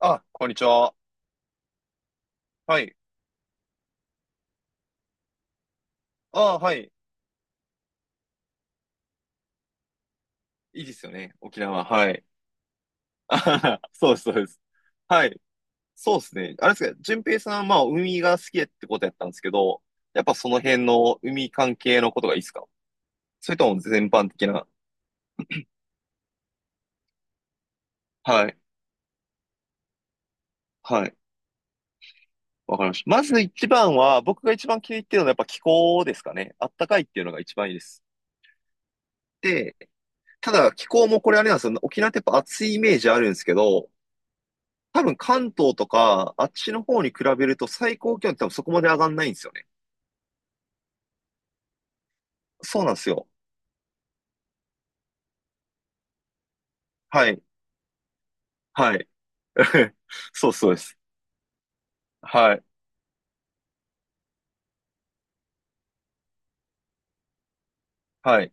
あ、こんにちは。はい。あ、はい。いいですよね。沖縄。はい。あ、そうです、そうです。はい。そうですね。あれですか、淳平さんは、まあ、海が好きってことやったんですけど、やっぱその辺の海関係のことがいいですか、それとも全般的な。はい。はい。わかりました。まず一番は、僕が一番気に入ってるのはやっぱ気候ですかね。あったかいっていうのが一番いいです。で、ただ気候もこれあれなんですよ。沖縄ってやっぱ暑いイメージあるんですけど、多分関東とか、あっちの方に比べると最高気温って多分そこまで上がんないんですよね。そうなんですよ。はい。はい。そうそうです。はい。はい。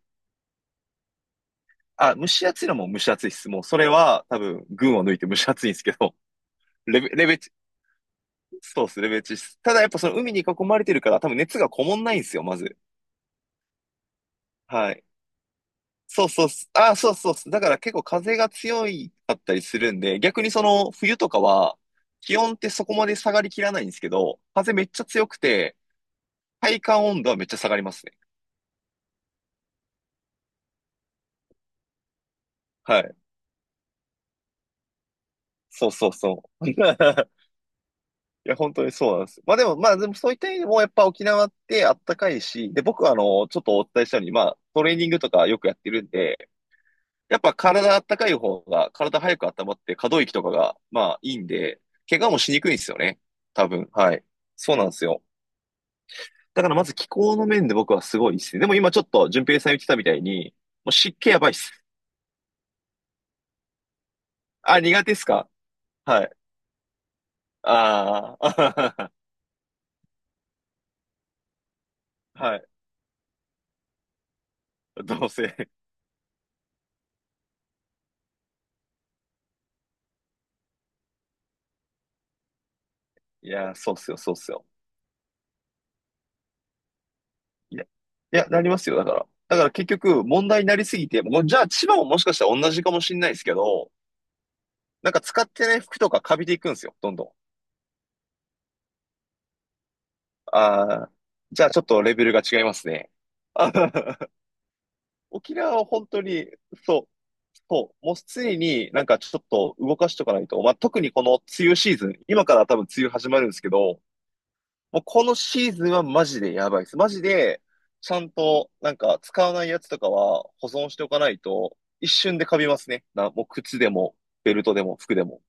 あ、蒸し暑いのも蒸し暑いです。もうそれは多分群を抜いて蒸し暑いんですけど、レベチ、そうです、レベチです。ただやっぱその海に囲まれてるから多分熱がこもんないんですよ、まず。はい。そうそうっす。あ、そうそうっす。だから結構風が強いかったりするんで、逆にその冬とかは、気温ってそこまで下がりきらないんですけど、風めっちゃ強くて、体感温度はめっちゃ下がりますね。はい。そうそうそう。いや、本当にそうなんです。まあでも、まあでもそういった意味でも、やっぱ沖縄ってあったかいし、で、僕はあの、ちょっとお伝えしたように、まあ、トレーニングとかよくやってるんで、やっぱ体あったかい方が、体早く温まって可動域とかが、まあいいんで、怪我もしにくいんですよね。多分。はい。そうなんですよ。だからまず気候の面で僕はすごいですね。でも今ちょっと、順平さん言ってたみたいに、もう湿気やばいっす。あ、苦手っすか。はい。ああ、はい。どうせ。いやー、そうっすよ、そうっすよ。いや、なりますよ、だから。だから結局、問題になりすぎて、もうじゃあ千葉ももしかしたら同じかもしれないですけど、なんか使ってない服とかカビていくんですよ、どんどん。ああ、じゃあちょっとレベルが違いますね。あはは。沖縄は本当に、そう、そう、もう常になんかちょっと動かしとかないと、まあ、特にこの梅雨シーズン、今から多分梅雨始まるんですけど、もうこのシーズンはマジでやばいです。マジで、ちゃんと、なんか、使わないやつとかは保存しておかないと、一瞬でカビますね。な、もう靴でも、ベルトでも、服でも。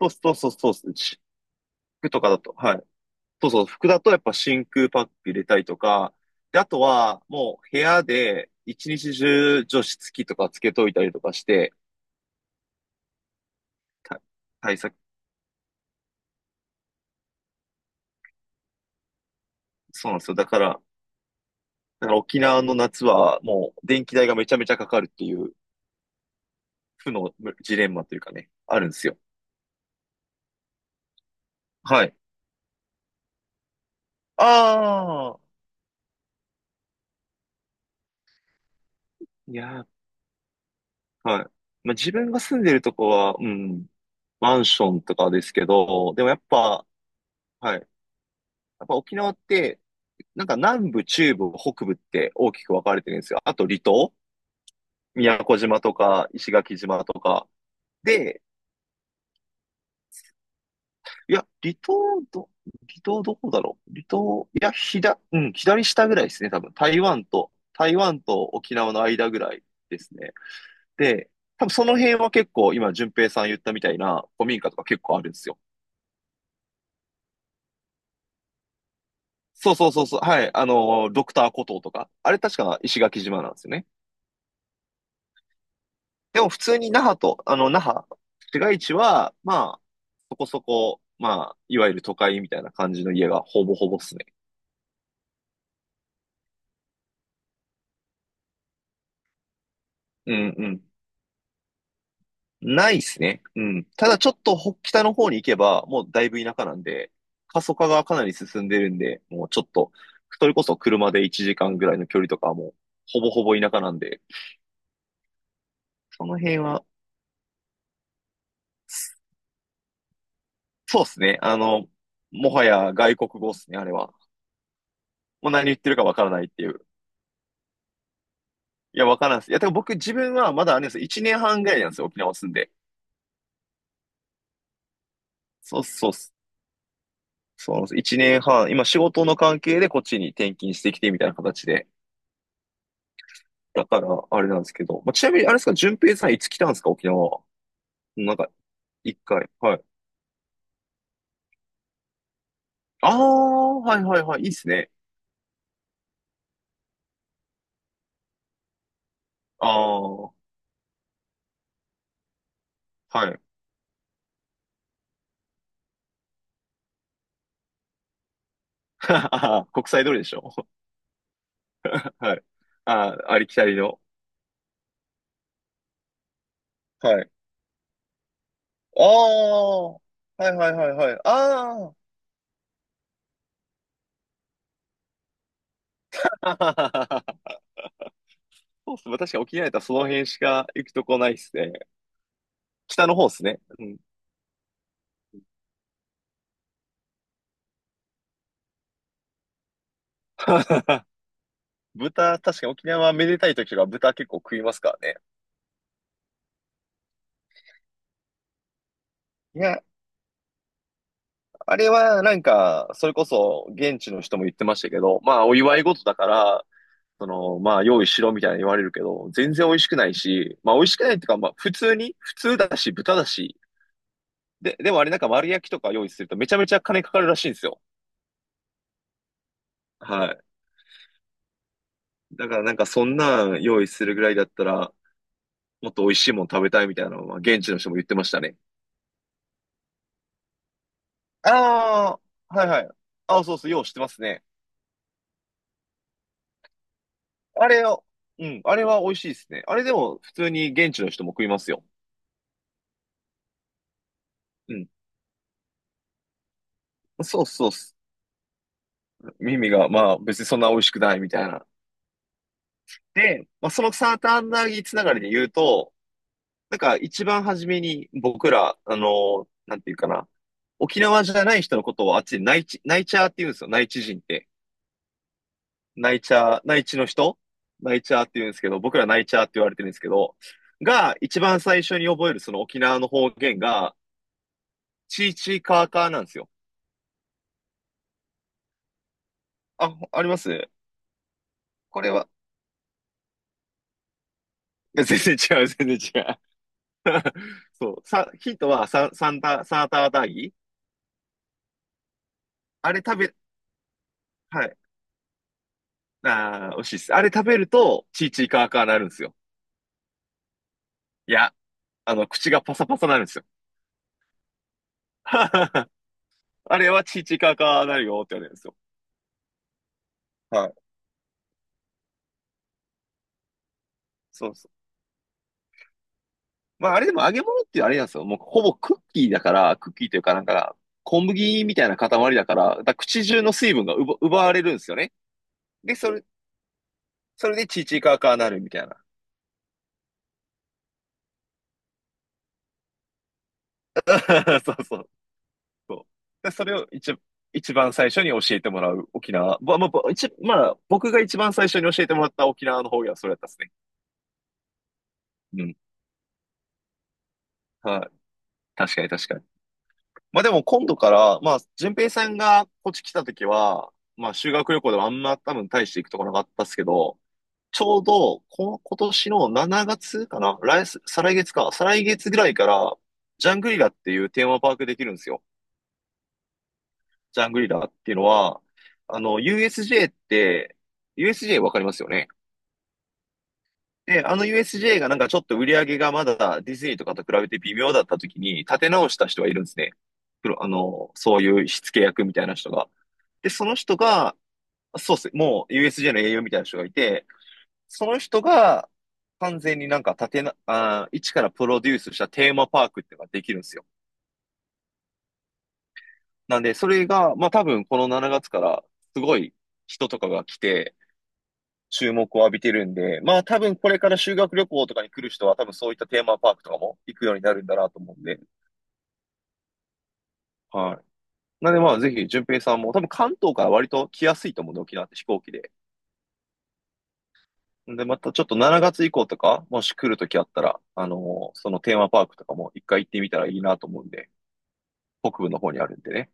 そうそうそうそうそう。服とかだと、はい。そうそう、服だとやっぱ真空パック入れたりとか、で、あとは、もう部屋で一日中除湿機とかつけといたりとかして、た対策、そうなんですよ。だから、だから沖縄の夏はもう電気代がめちゃめちゃかかるっていう負のジレンマというかね、あるんですよ。はい。ああ、いやー、はい。まあ、自分が住んでるとこは、うん、マンションとかですけど、でもやっぱ、はい。やっぱ沖縄って、なんか南部、中部、北部って大きく分かれてるんですよ。あと離島、宮古島とか、石垣島とか。で、いや、離島ど、離島どこだろう離島、いや、左、うん、左下ぐらいですね、多分。台湾と、台湾と沖縄の間ぐらいですね。で、多分その辺は結構今、淳平さん言ったみたいな古民家とか結構あるんですよ。そうそうそうそう。はい。あの、ドクターコトーとか。あれ確か石垣島なんですよね。でも普通に那覇と、あの、那覇、市街地は、まあ、そこそこ、まあ、いわゆる都会みたいな感じの家がほぼほぼっすね。うんうん。ないっすね。うん。ただちょっと北の方に行けば、もうだいぶ田舎なんで、過疎化がかなり進んでるんで、もうちょっと、それこそ車で1時間ぐらいの距離とかはもう、ほぼほぼ田舎なんで、その辺は、そうっすね。あの、もはや外国語っすね、あれは。もう何言ってるかわからないっていう。いや、わからんっす。いや、てか僕自分はまだあれです。1年半ぐらいなんですよ、沖縄住んで。そうっすそうっす。そうなんです。1年半、今仕事の関係でこっちに転勤してきてみたいな形で。だから、あれなんですけど。まあ、ちなみに、あれですか、淳平さんいつ来たんですか、沖縄。なんか、一回。はい。ああ、はいはいはい。いいっすね。ああ、はい。国際通りでしょ。 はい。ああ、ありきたりの。はい。ああ、はいはいはいはい。ああ。そうっす。まあ確かに沖縄やったらその辺しか行くとこないっすね。北の方っすね。うん。豚、確かに沖縄はめでたい時とか豚結構食いますからね。いや、あれはなんか、それこそ現地の人も言ってましたけど、まあお祝い事だから、その、まあ用意しろみたいに言われるけど、全然美味しくないし、まあ美味しくないっていうか、まあ普通に、普通だし、豚だし、で、でもあれなんか丸焼きとか用意するとめちゃめちゃ金かかるらしいんですよ。はい。だからなんかそんなん用意するぐらいだったら、もっと美味しいもん食べたいみたいなのは現地の人も言ってましたね。ああ、はいはい。あ、そうそう、よう知ってますね。あれを、うん、あれは美味しいですね。あれでも普通に現地の人も食いますよ。うん。そうそうっす。耳が、まあ別にそんな美味しくないみたいな。で、まあそのサーターアンダギーつながりで言うと、なんか一番初めに僕ら、あの、なんていうかな。沖縄じゃない人のことをあっちで内地、内チャーって言うんですよ。内地人って。内チャー、内地の人内チャーって言うんですけど、僕ら内チャーって言われてるんですけど、が一番最初に覚えるその沖縄の方言が、チーチーカーカーなんですよ。あ、あります、これは。いや全然違う、全然違う。そう。ヒントはサーターアンダギー。あれ食べ、はい。あー、美味しいです。あれ食べると、チーチーカーカーなるんですよ。いや、あの、口がパサパサなるんですよ。あれはチーチーカーカーなるよって言われるんですよ。はい。そうそう。まあ、あれでも揚げ物ってあれなんですよ。もうほぼクッキーだから、クッキーというかなんか、小麦みたいな塊だから、だから口中の水分が奪われるんですよね。で、それ、それでチーチーカーカーなるみたいな。そうそう。そう、で、それを一、一番最初に教えてもらう沖縄。まあ、僕が一番最初に教えてもらった沖縄の方言はそれだったですね。うん。はい。確かに確かに。まあでも今度から、まあ、淳平さんがこっち来た時は、まあ修学旅行ではあんま多分大して行くとこなかったっすけど、ちょうど、こ、今年の7月かな再来月か、再来月ぐらいから、ジャングリラっていうテーマパークできるんですよ。ジャングリラっていうのは、あの、USJ って、USJ わかりますよね。で、あの USJ がなんかちょっと売り上げがまだディズニーとかと比べて微妙だった時に立て直した人がいるんですね。プロあの、そういう火付け役みたいな人が。で、その人が、そうっす、もう USJ の栄養みたいな人がいて、その人が完全になんか立てな、あー、一からプロデュースしたテーマパークっていうのができるんですよ。なんで、それが、まあ多分この7月からすごい人とかが来て、注目を浴びてるんで、まあ多分これから修学旅行とかに来る人は多分そういったテーマパークとかも行くようになるんだなと思うんで、はい。なんでまあぜひ、順平さんも多分関東から割と来やすいと思うんで、沖縄って飛行機で。で、またちょっと7月以降とか、もし来るときあったら、あのーそのテーマパークとかも一回行ってみたらいいなと思うんで、北部の方にあるんでね。